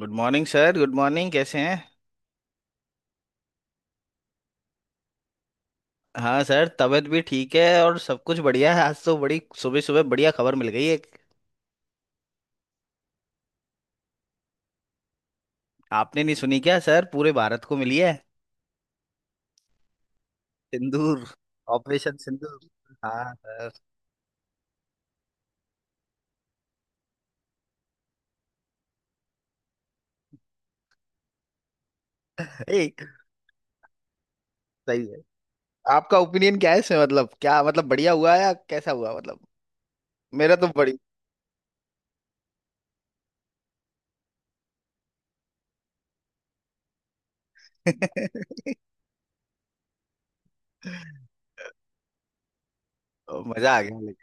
Good morning sir. Good morning. कैसे हैं। हाँ सर, तबीयत भी ठीक है और सब कुछ बढ़िया है। आज तो बड़ी सुबह सुबह बढ़िया खबर मिल गई एक। आपने नहीं सुनी क्या सर, पूरे भारत को मिली है। सिंदूर। ऑपरेशन सिंदूर। हाँ सर। ए। सही है। आपका ओपिनियन क्या है इसमें, मतलब क्या मतलब बढ़िया हुआ या कैसा हुआ मतलब। मेरा तो बड़ी मजा आ गया।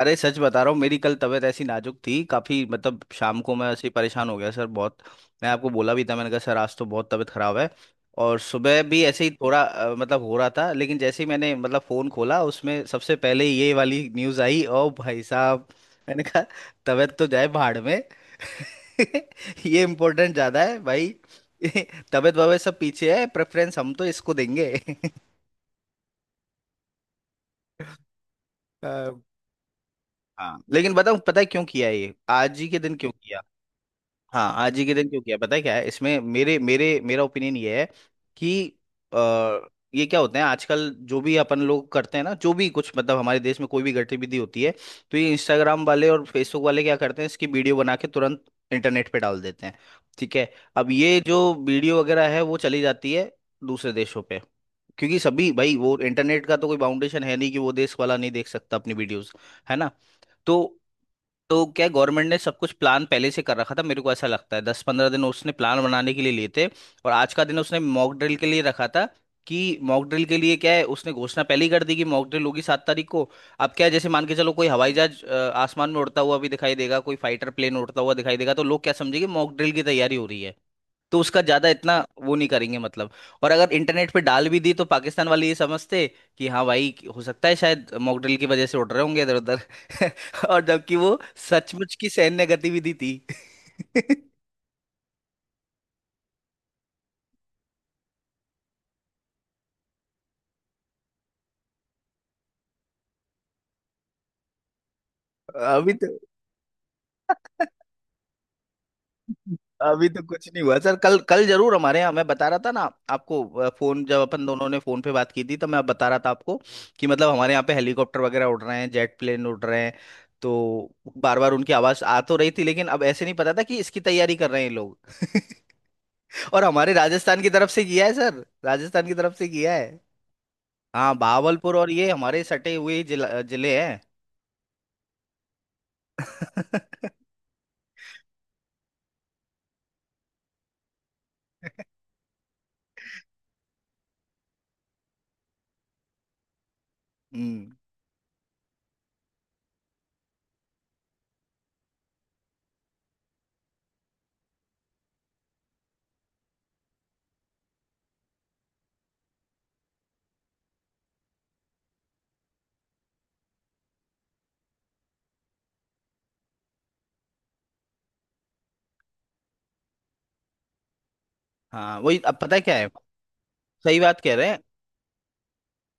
अरे सच बता रहा हूँ, मेरी कल तबीयत ऐसी नाजुक थी काफ़ी, मतलब शाम को मैं ऐसे ही परेशान हो गया सर बहुत। मैं आपको बोला भी था, मैंने कहा सर आज तो बहुत तबीयत ख़राब है। और सुबह भी ऐसे ही थोड़ा मतलब हो रहा था, लेकिन जैसे ही मैंने मतलब फ़ोन खोला उसमें सबसे पहले ये वाली न्यूज़ आई। ओ भाई साहब, मैंने कहा तबीयत तो जाए भाड़ में। ये इम्पोर्टेंट ज़्यादा है भाई। तबीयत वबीयत सब पीछे है, प्रेफरेंस हम तो इसको देंगे। अ, हाँ लेकिन बताऊँ, पता है क्यों किया ये आज ही के दिन क्यों किया। हाँ आज ही के दिन क्यों किया पता है, क्या है इसमें, मेरे मेरे मेरा ओपिनियन ये है कि आ, ये क्या होते हैं आजकल जो भी अपन लोग करते हैं ना, जो भी कुछ मतलब हमारे देश में कोई भी गतिविधि होती है तो ये इंस्टाग्राम वाले और फेसबुक वाले क्या करते हैं, इसकी वीडियो बना के तुरंत इंटरनेट पे डाल देते हैं। ठीक है। अब ये जो वीडियो वगैरह है वो चली जाती है दूसरे देशों पे, क्योंकि सभी भाई वो इंटरनेट का तो कोई बाउंडेशन है नहीं कि वो देश वाला नहीं देख सकता अपनी वीडियोस। है ना। तो तो क्या गवर्नमेंट ने सब कुछ प्लान पहले से कर रखा था, मेरे को ऐसा लगता है। 10 15 दिन उसने प्लान बनाने के लिए लिए थे और आज का दिन उसने मॉक ड्रिल के लिए रखा था। कि मॉक ड्रिल के लिए क्या है, उसने घोषणा पहले ही कर दी कि मॉक ड्रिल होगी 7 तारीख को। अब क्या है, जैसे मान के चलो कोई हवाई जहाज आसमान में उड़ता हुआ भी दिखाई देगा, कोई फाइटर प्लेन उड़ता हुआ दिखाई देगा, तो लोग क्या समझेंगे, मॉक ड्रिल की तैयारी हो रही है। तो उसका ज्यादा इतना वो नहीं करेंगे मतलब। और अगर इंटरनेट पे डाल भी दी तो पाकिस्तान वाले ये समझते कि हाँ भाई हो सकता है शायद मॉक ड्रिल की वजह से उड़ रहे होंगे इधर उधर। और जबकि वो सचमुच की सैन्य गतिविधि थी। अभी तो अभी तो कुछ नहीं हुआ सर। कल कल जरूर हमारे यहाँ, मैं बता रहा था ना आपको, फोन जब अपन दोनों ने फोन पे बात की थी तो मैं बता रहा था आपको कि मतलब हमारे यहाँ पे हेलीकॉप्टर वगैरह उड़ रहे हैं, जेट प्लेन उड़ रहे हैं। तो बार बार उनकी आवाज आ तो रही थी, लेकिन अब ऐसे नहीं पता था कि इसकी तैयारी कर रहे हैं ये लोग। और हमारे राजस्थान की तरफ से किया है सर, राजस्थान की तरफ से किया है। हाँ बहावलपुर, और ये हमारे सटे हुए जिले हैं। हम्म। हाँ वही, अब पता है क्या है। सही बात कह रहे हैं।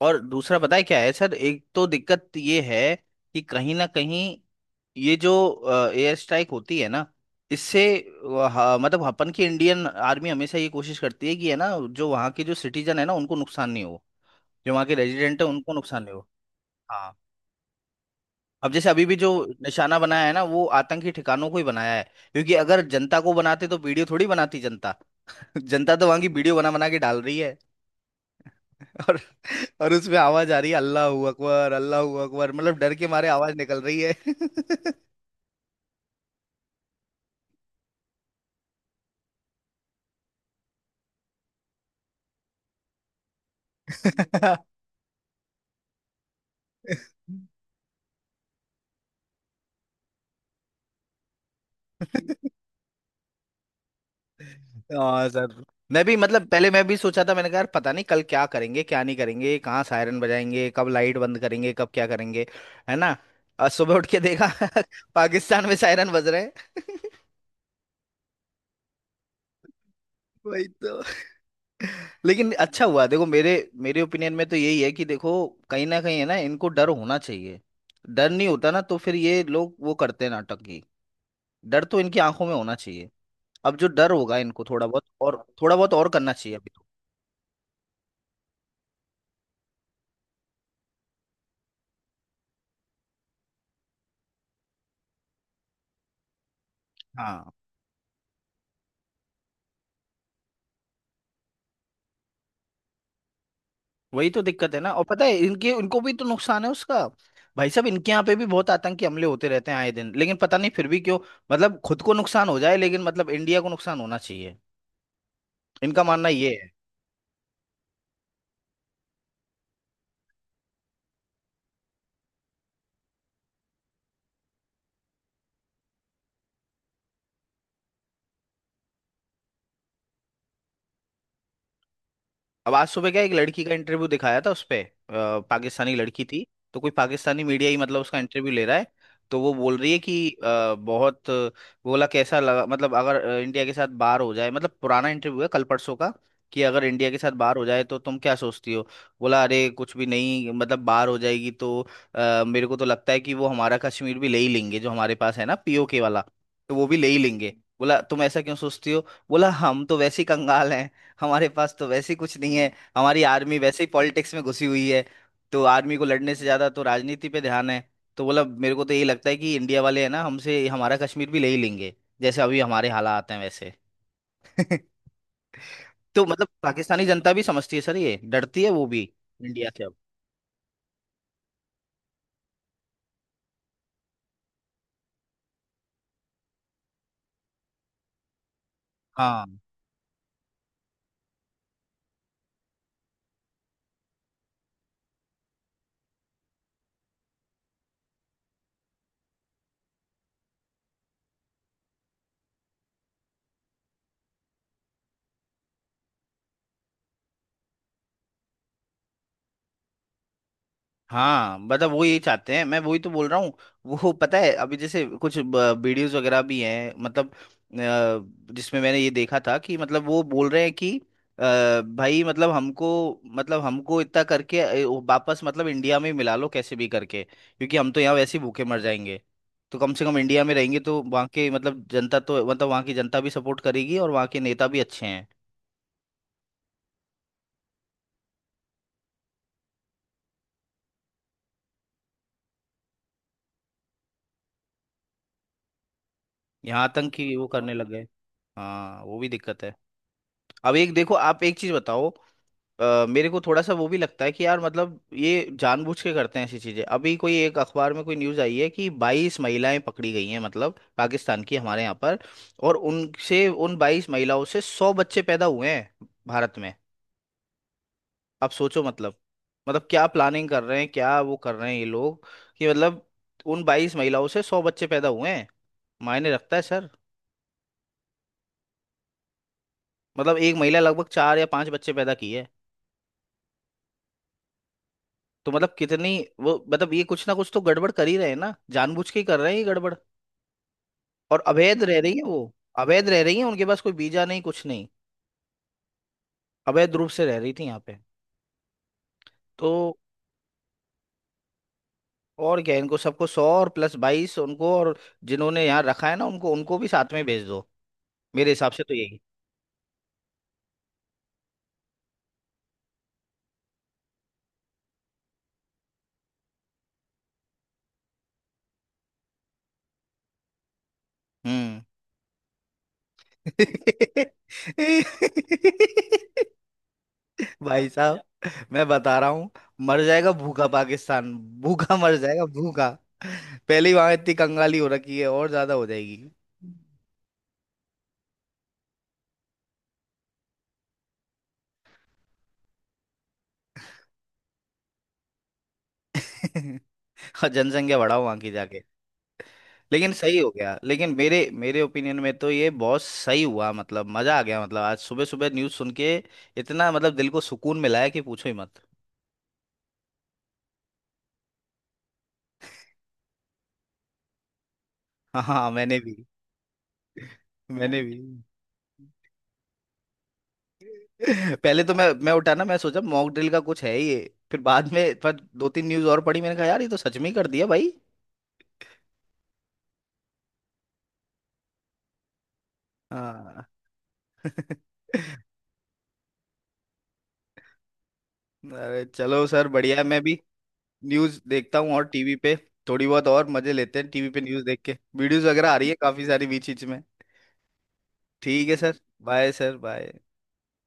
और दूसरा पता है क्या है सर, एक तो दिक्कत ये है कि कहीं ना कहीं ये जो एयर स्ट्राइक होती है ना, इससे मतलब अपन की इंडियन आर्मी हमेशा ये कोशिश करती है कि है ना जो वहाँ के जो सिटीजन है ना उनको नुकसान नहीं हो, जो वहाँ के रेजिडेंट है उनको नुकसान नहीं हो। हाँ। अब जैसे अभी भी जो निशाना बनाया है ना वो आतंकी ठिकानों को ही बनाया है, क्योंकि अगर जनता को बनाते तो वीडियो थोड़ी बनाती जनता। जनता तो वहाँ की वीडियो बना बना के डाल रही। और और उसमें आवाज आ रही है अल्लाह हू अकबर, अल्लाह हू अकबर, मतलब डर के मारे आवाज निकल रही है। हाँ सर, मैं भी मतलब पहले मैं भी सोचा था, मैंने कहा यार पता नहीं कल क्या करेंगे क्या नहीं करेंगे, कहाँ सायरन बजाएंगे, कब लाइट बंद करेंगे, कब क्या करेंगे। है ना। और सुबह उठ के देखा, पाकिस्तान में सायरन बज रहे हैं। वही तो। लेकिन अच्छा हुआ, देखो मेरे मेरे ओपिनियन में तो यही है कि देखो कहीं ना कहीं है ना इनको डर होना चाहिए। डर नहीं होता ना तो फिर ये लोग वो करते हैं नाटक। डर तो इनकी आंखों में होना चाहिए। अब जो डर होगा इनको थोड़ा बहुत और करना चाहिए अभी तो। हाँ वही तो दिक्कत है ना। और पता है इनके इनको भी तो नुकसान है उसका। भाई साहब इनके यहाँ पे भी बहुत आतंकी हमले होते रहते हैं आए दिन, लेकिन पता नहीं फिर भी क्यों मतलब खुद को नुकसान हो जाए लेकिन मतलब इंडिया को नुकसान होना चाहिए, इनका मानना ये है। अब आज सुबह क्या एक लड़की का इंटरव्यू दिखाया था उस पे, पाकिस्तानी लड़की थी। तो कोई पाकिस्तानी मीडिया ही मतलब उसका इंटरव्यू ले रहा है। तो वो बोल रही है कि बोला कैसा लगा, मतलब अगर इंडिया के साथ बाहर हो जाए, मतलब पुराना इंटरव्यू है कल परसों का, कि अगर इंडिया के साथ बाहर हो जाए तो तुम क्या सोचती हो। बोला अरे कुछ भी नहीं, मतलब बाहर हो जाएगी तो मेरे को तो लगता है कि वो हमारा कश्मीर भी ले ही लेंगे, जो हमारे पास है ना पीओके वाला तो वो भी ले ही लेंगे। बोला तुम ऐसा क्यों सोचती हो। बोला हम तो वैसे ही कंगाल हैं, हमारे पास तो वैसे ही कुछ नहीं है, हमारी आर्मी वैसे ही पॉलिटिक्स में घुसी हुई है, तो आर्मी को लड़ने से ज्यादा तो राजनीति पे ध्यान है। तो बोला मेरे को तो यही लगता है कि इंडिया वाले है ना हमसे हमारा कश्मीर भी ले ही लेंगे, जैसे अभी हमारे हालात हैं वैसे। तो मतलब पाकिस्तानी जनता भी समझती है सर, ये डरती है वो भी इंडिया से अब। हाँ हाँ, मतलब वो ये चाहते हैं, मैं वही तो बोल रहा हूँ। वो पता है अभी जैसे कुछ वीडियोस वगैरह भी हैं, मतलब जिसमें मैंने ये देखा था कि मतलब वो बोल रहे हैं कि भाई मतलब हमको इतना करके वापस मतलब इंडिया में ही मिला लो कैसे भी करके, क्योंकि हम तो यहाँ वैसे ही भूखे मर जाएंगे। तो कम से कम इंडिया में रहेंगे तो वहाँ के मतलब जनता तो मतलब वहाँ की जनता भी सपोर्ट करेगी और वहाँ के नेता भी अच्छे हैं। यहाँ तक कि वो करने लग गए। हाँ वो भी दिक्कत है। अब एक देखो आप एक चीज बताओ, मेरे को थोड़ा सा वो भी लगता है कि यार मतलब ये जानबूझ के करते हैं ऐसी चीजें। अभी कोई एक अखबार में कोई न्यूज़ आई है कि 22 महिलाएं पकड़ी गई हैं, मतलब पाकिस्तान की, हमारे यहाँ पर। और उनसे उन 22 महिलाओं से 100 बच्चे पैदा हुए हैं भारत में। आप सोचो मतलब मतलब क्या प्लानिंग कर रहे हैं क्या वो कर रहे हैं ये लोग। कि मतलब उन 22 महिलाओं से सौ बच्चे पैदा हुए हैं, मायने रखता है सर। मतलब एक महिला लगभग 4 या 5 बच्चे पैदा की है। तो मतलब कितनी वो, मतलब ये कुछ ना कुछ तो गड़बड़ कर ही रहे हैं ना, जानबूझ के ही कर रहे हैं ये गड़बड़। और अवैध रह रही है वो, अवैध रह रही है, उनके पास कोई वीजा नहीं कुछ नहीं, अवैध रूप से रह रही थी यहाँ पे। तो और क्या, इनको सबको 100 और प्लस 22 उनको, और जिन्होंने यहाँ रखा है ना उनको उनको भी साथ में भेज दो, मेरे हिसाब से तो यही। हम्म। भाई साहब मैं बता रहा हूँ, मर जाएगा भूखा पाकिस्तान। भूखा मर जाएगा भूखा। पहले ही वहां इतनी कंगाली हो रखी है और ज्यादा हो जाएगी। और जनसंख्या बढ़ाओ वहां की जाके। लेकिन सही हो गया, लेकिन मेरे मेरे ओपिनियन में तो ये बहुत सही हुआ, मतलब मजा आ गया मतलब आज सुबह सुबह न्यूज़ सुन के। इतना मतलब दिल को सुकून मिला है कि पूछो ही मत। हाँ हाँ, मैंने भी पहले तो मैं उठा ना, मैं सोचा मॉक ड्रिल का कुछ है ये। फिर बाद में पर 2 3 न्यूज़ और पढ़ी, मैंने कहा यार ये तो सच में ही कर दिया भाई। हाँ। अरे चलो सर बढ़िया है, मैं भी न्यूज़ देखता हूँ और टीवी पे थोड़ी बहुत और मजे लेते हैं। टीवी पे न्यूज़ देख के वीडियोस वगैरह आ रही है काफी सारी बीच बीच में। ठीक है सर, बाय सर, बाय।